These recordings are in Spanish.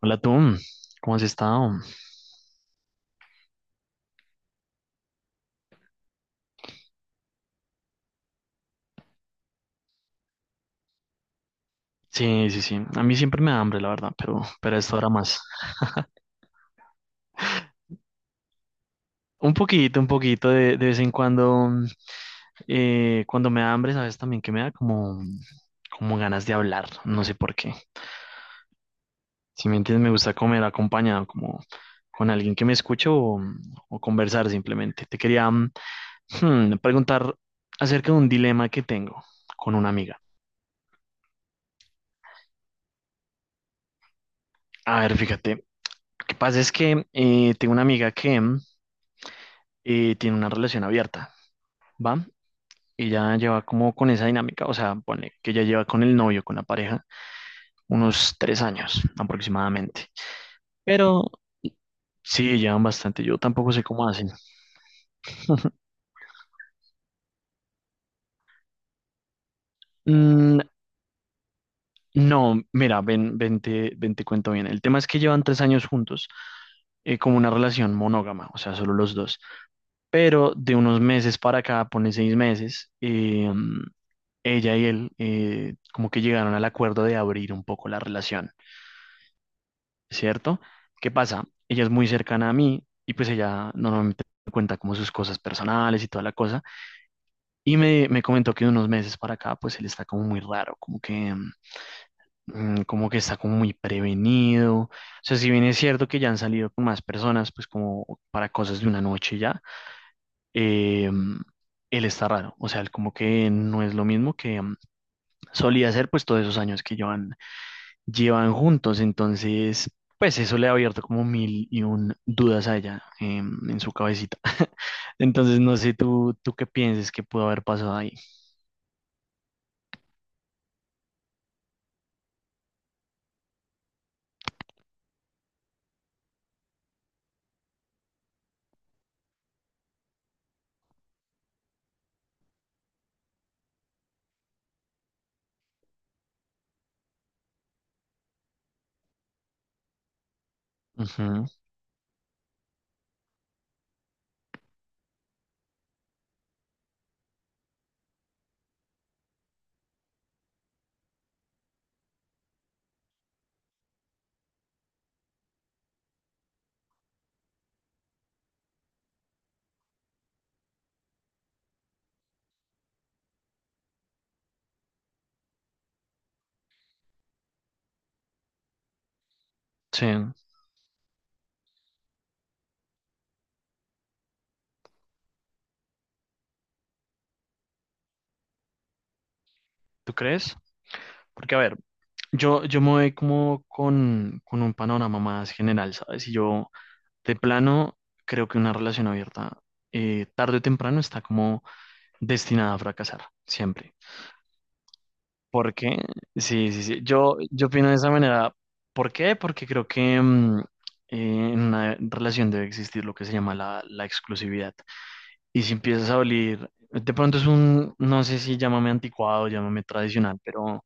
Hola tú, ¿cómo has estado? Sí, sí, sí. A mí siempre me da hambre, la verdad, pero esto ahora más. Un poquito de vez en cuando. Cuando me da hambre, sabes también que me da como, como ganas de hablar. No sé por qué. Si me entiendes, me gusta comer acompañado, como con alguien que me escuche o conversar simplemente. Te quería preguntar acerca de un dilema que tengo con una amiga. A ver, fíjate. Lo que pasa es que tengo una amiga que y tiene una relación abierta, ¿va? Ella lleva como con esa dinámica, o sea, pone que ella lleva con el novio, con la pareja, unos tres años aproximadamente. Pero sí, llevan bastante, yo tampoco sé cómo hacen. Mm, no, mira, ven, te cuento bien. El tema es que llevan tres años juntos, como una relación monógama, o sea, solo los dos. Pero de unos meses para acá, pone seis meses, ella y él como que llegaron al acuerdo de abrir un poco la relación, ¿cierto? ¿Qué pasa? Ella es muy cercana a mí y pues ella normalmente me cuenta como sus cosas personales y toda la cosa. Y me comentó que de unos meses para acá pues él está como muy raro, como que, como que está como muy prevenido. O sea, si bien es cierto que ya han salido con más personas pues como para cosas de una noche ya, eh, él está raro. O sea, él como que no es lo mismo que solía hacer pues todos esos años que llevan juntos, entonces, pues eso le ha abierto como mil y un dudas a ella en su cabecita. Entonces, no sé tú qué pienses que pudo haber pasado ahí. Ujú. Sí, ¿tú crees? Porque, a ver, yo me voy como con un panorama más general, ¿sabes? Y yo, de plano, creo que una relación abierta, tarde o temprano, está como destinada a fracasar, siempre. ¿Por qué? Sí, sí, sí. Yo opino de esa manera. ¿Por qué? Porque creo que en una relación debe existir lo que se llama la exclusividad. Y si empiezas a oler, de pronto es un, no sé, si llámame anticuado, llámame tradicional,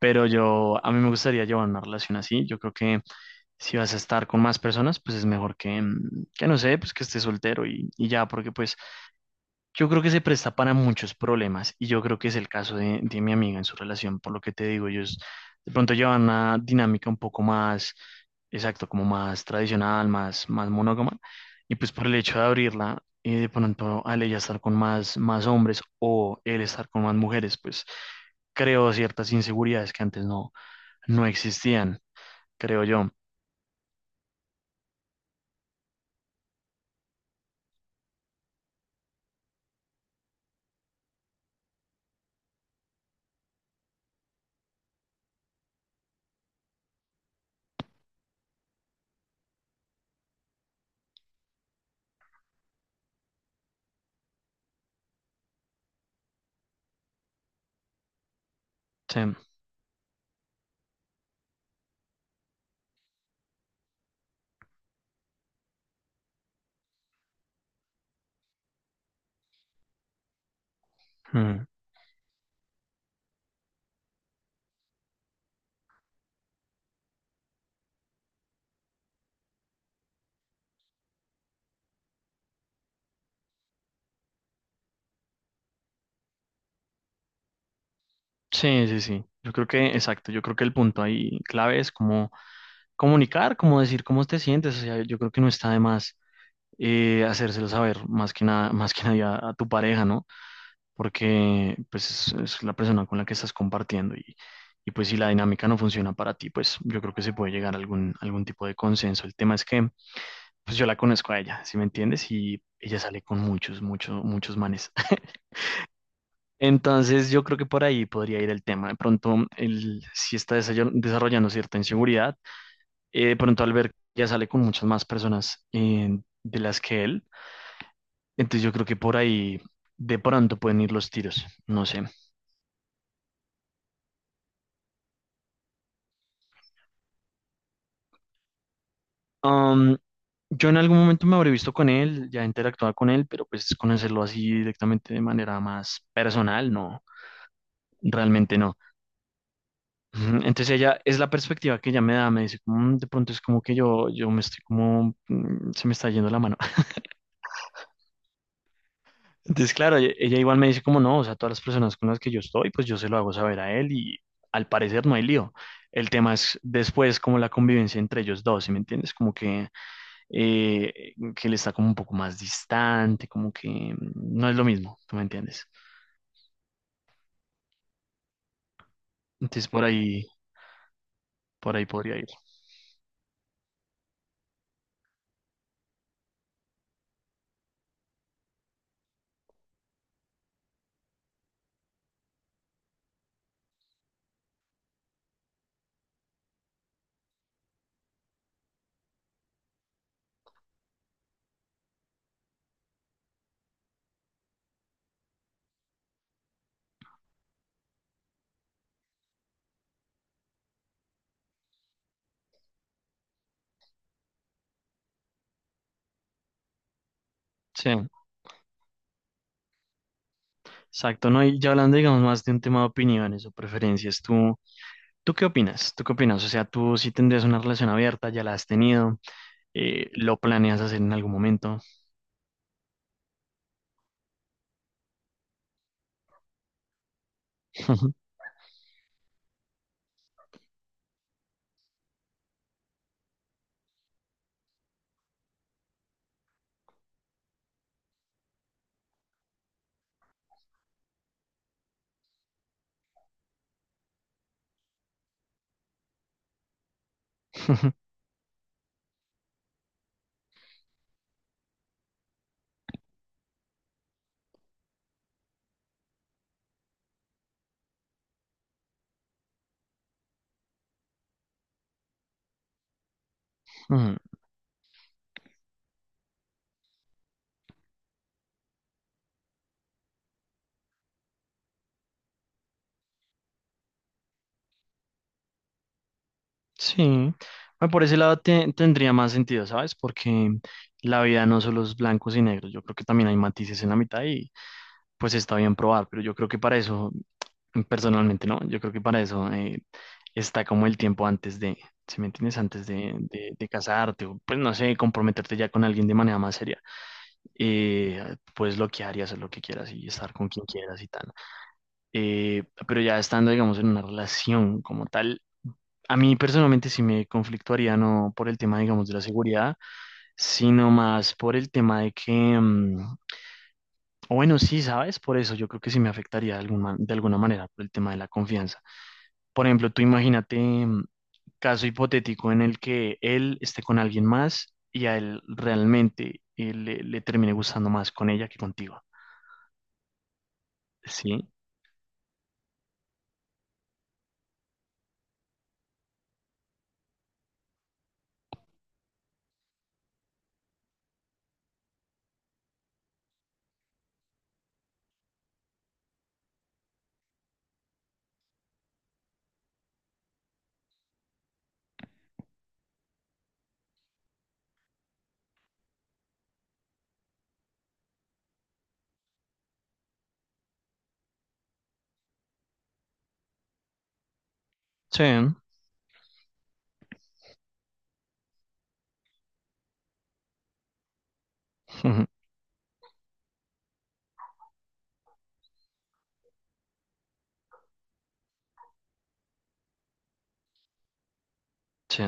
pero yo, a mí me gustaría llevar una relación así. Yo creo que si vas a estar con más personas, pues es mejor que, que no sé, pues que estés soltero y ya, porque pues yo creo que se presta para muchos problemas y yo creo que es el caso de mi amiga en su relación, por lo que te digo, ellos de pronto llevan una dinámica un poco más, exacto, como más tradicional, más monógama y pues por el hecho de abrirla y de pronto al ella estar con más hombres o él estar con más mujeres, pues creo ciertas inseguridades que antes no existían, creo yo. Sí, mm, sí, sí, sí. Yo creo que, exacto, yo creo que el punto ahí clave es como comunicar, como decir cómo te sientes, o sea, yo creo que no está de más, hacérselo saber más que nada, más que nadie a tu pareja, ¿no? Porque pues es la persona con la que estás compartiendo y pues si la dinámica no funciona para ti, pues yo creo que se puede llegar a algún tipo de consenso. El tema es que pues yo la conozco a ella, ¿sí me entiendes? Y ella sale con muchos, muchos, muchos manes. Entonces yo creo que por ahí podría ir el tema. De pronto, él si está desarrollando cierta inseguridad. De pronto Albert ya sale con muchas más personas de las que él. Entonces yo creo que por ahí de pronto pueden ir los tiros, no sé. Am, yo en algún momento me habré visto con él, ya interactuaba con él, pero pues conocerlo así directamente de manera más personal, no, realmente no. Ujú. Entonces ella es la perspectiva que ella me da, me dice, "Mm, de pronto es como que yo me estoy como, mm, se me está yendo la mano". Entonces, claro, ella igual me dice como no, o sea, todas las personas con las que yo estoy, pues yo se lo hago saber a él y al parecer no hay lío. El tema es después como la convivencia entre ellos dos, ¿sí me entiendes? Como que él está como un poco más distante, como que no es lo mismo, ¿tú me entiendes? Entonces por ahí podría ir. Sí, exacto, ¿no? Y ya hablando, digamos, más de un tema de opiniones o preferencias, ¿tú, tú qué opinas? ¿Tú qué opinas? O sea, ¿tú sí tendrías una relación abierta? ¿Ya la has tenido? ¿Lo planeas hacer en algún momento? Ujú. Sí. Bueno, por ese lado tendría más sentido, ¿sabes? Porque la vida no solo es blancos y negros, yo creo que también hay matices en la mitad y pues está bien probar, pero yo creo que para eso, personalmente, ¿no? Yo creo que para eso, está como el tiempo antes de, ¿si me entiendes? Antes de casarte o pues no sé, comprometerte ya con alguien de manera más seria, puedes bloquear y hacer lo que quieras y estar con quien quieras y tal. Pero ya estando, digamos, en una relación como tal, a mí personalmente sí me conflictuaría, no por el tema, digamos, de la seguridad, sino más por el tema de que, o bueno, sí, ¿sabes? Por eso yo creo que sí me afectaría de alguna manera por el tema de la confianza. Por ejemplo, tú imagínate, caso hipotético en el que él esté con alguien más y a él realmente, le termine gustando más con ella que contigo. ¿Sí? Sí, ujú, sí,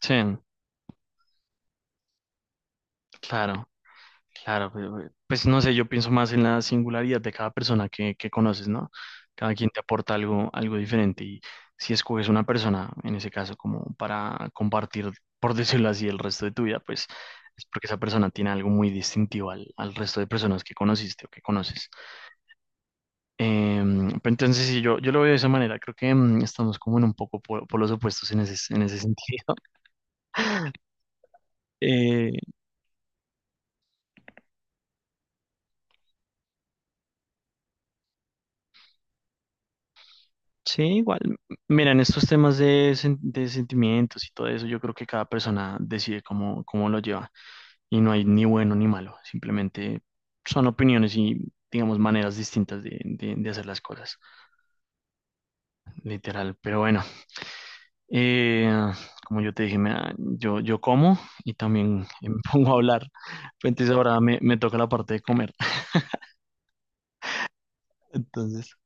sí, claro. Claro, pues pues, no sé, yo pienso más en la singularidad de cada persona que conoces, ¿no? Cada quien te aporta algo, algo diferente y si escoges una persona, en ese caso, como para compartir, por decirlo así, el resto de tu vida, pues es porque esa persona tiene algo muy distintivo al resto de personas que conociste o que conoces. Pero entonces, sí, yo lo veo de esa manera, creo que estamos como en un poco por los opuestos en ese sentido. Eh, sí, igual. Mira, en estos temas de, de sentimientos y todo eso, yo creo que cada persona decide cómo, cómo lo lleva y no hay ni bueno ni malo, simplemente son opiniones y, digamos, maneras distintas de hacer las cosas, literal. Pero bueno, eh, como yo te dije, yo como y también me pongo a hablar, entonces ahora me toca la parte de comer. Entonces,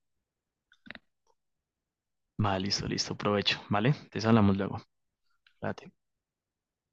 va, listo, listo, provecho, ¿vale? Te hablamos luego. Cuídate.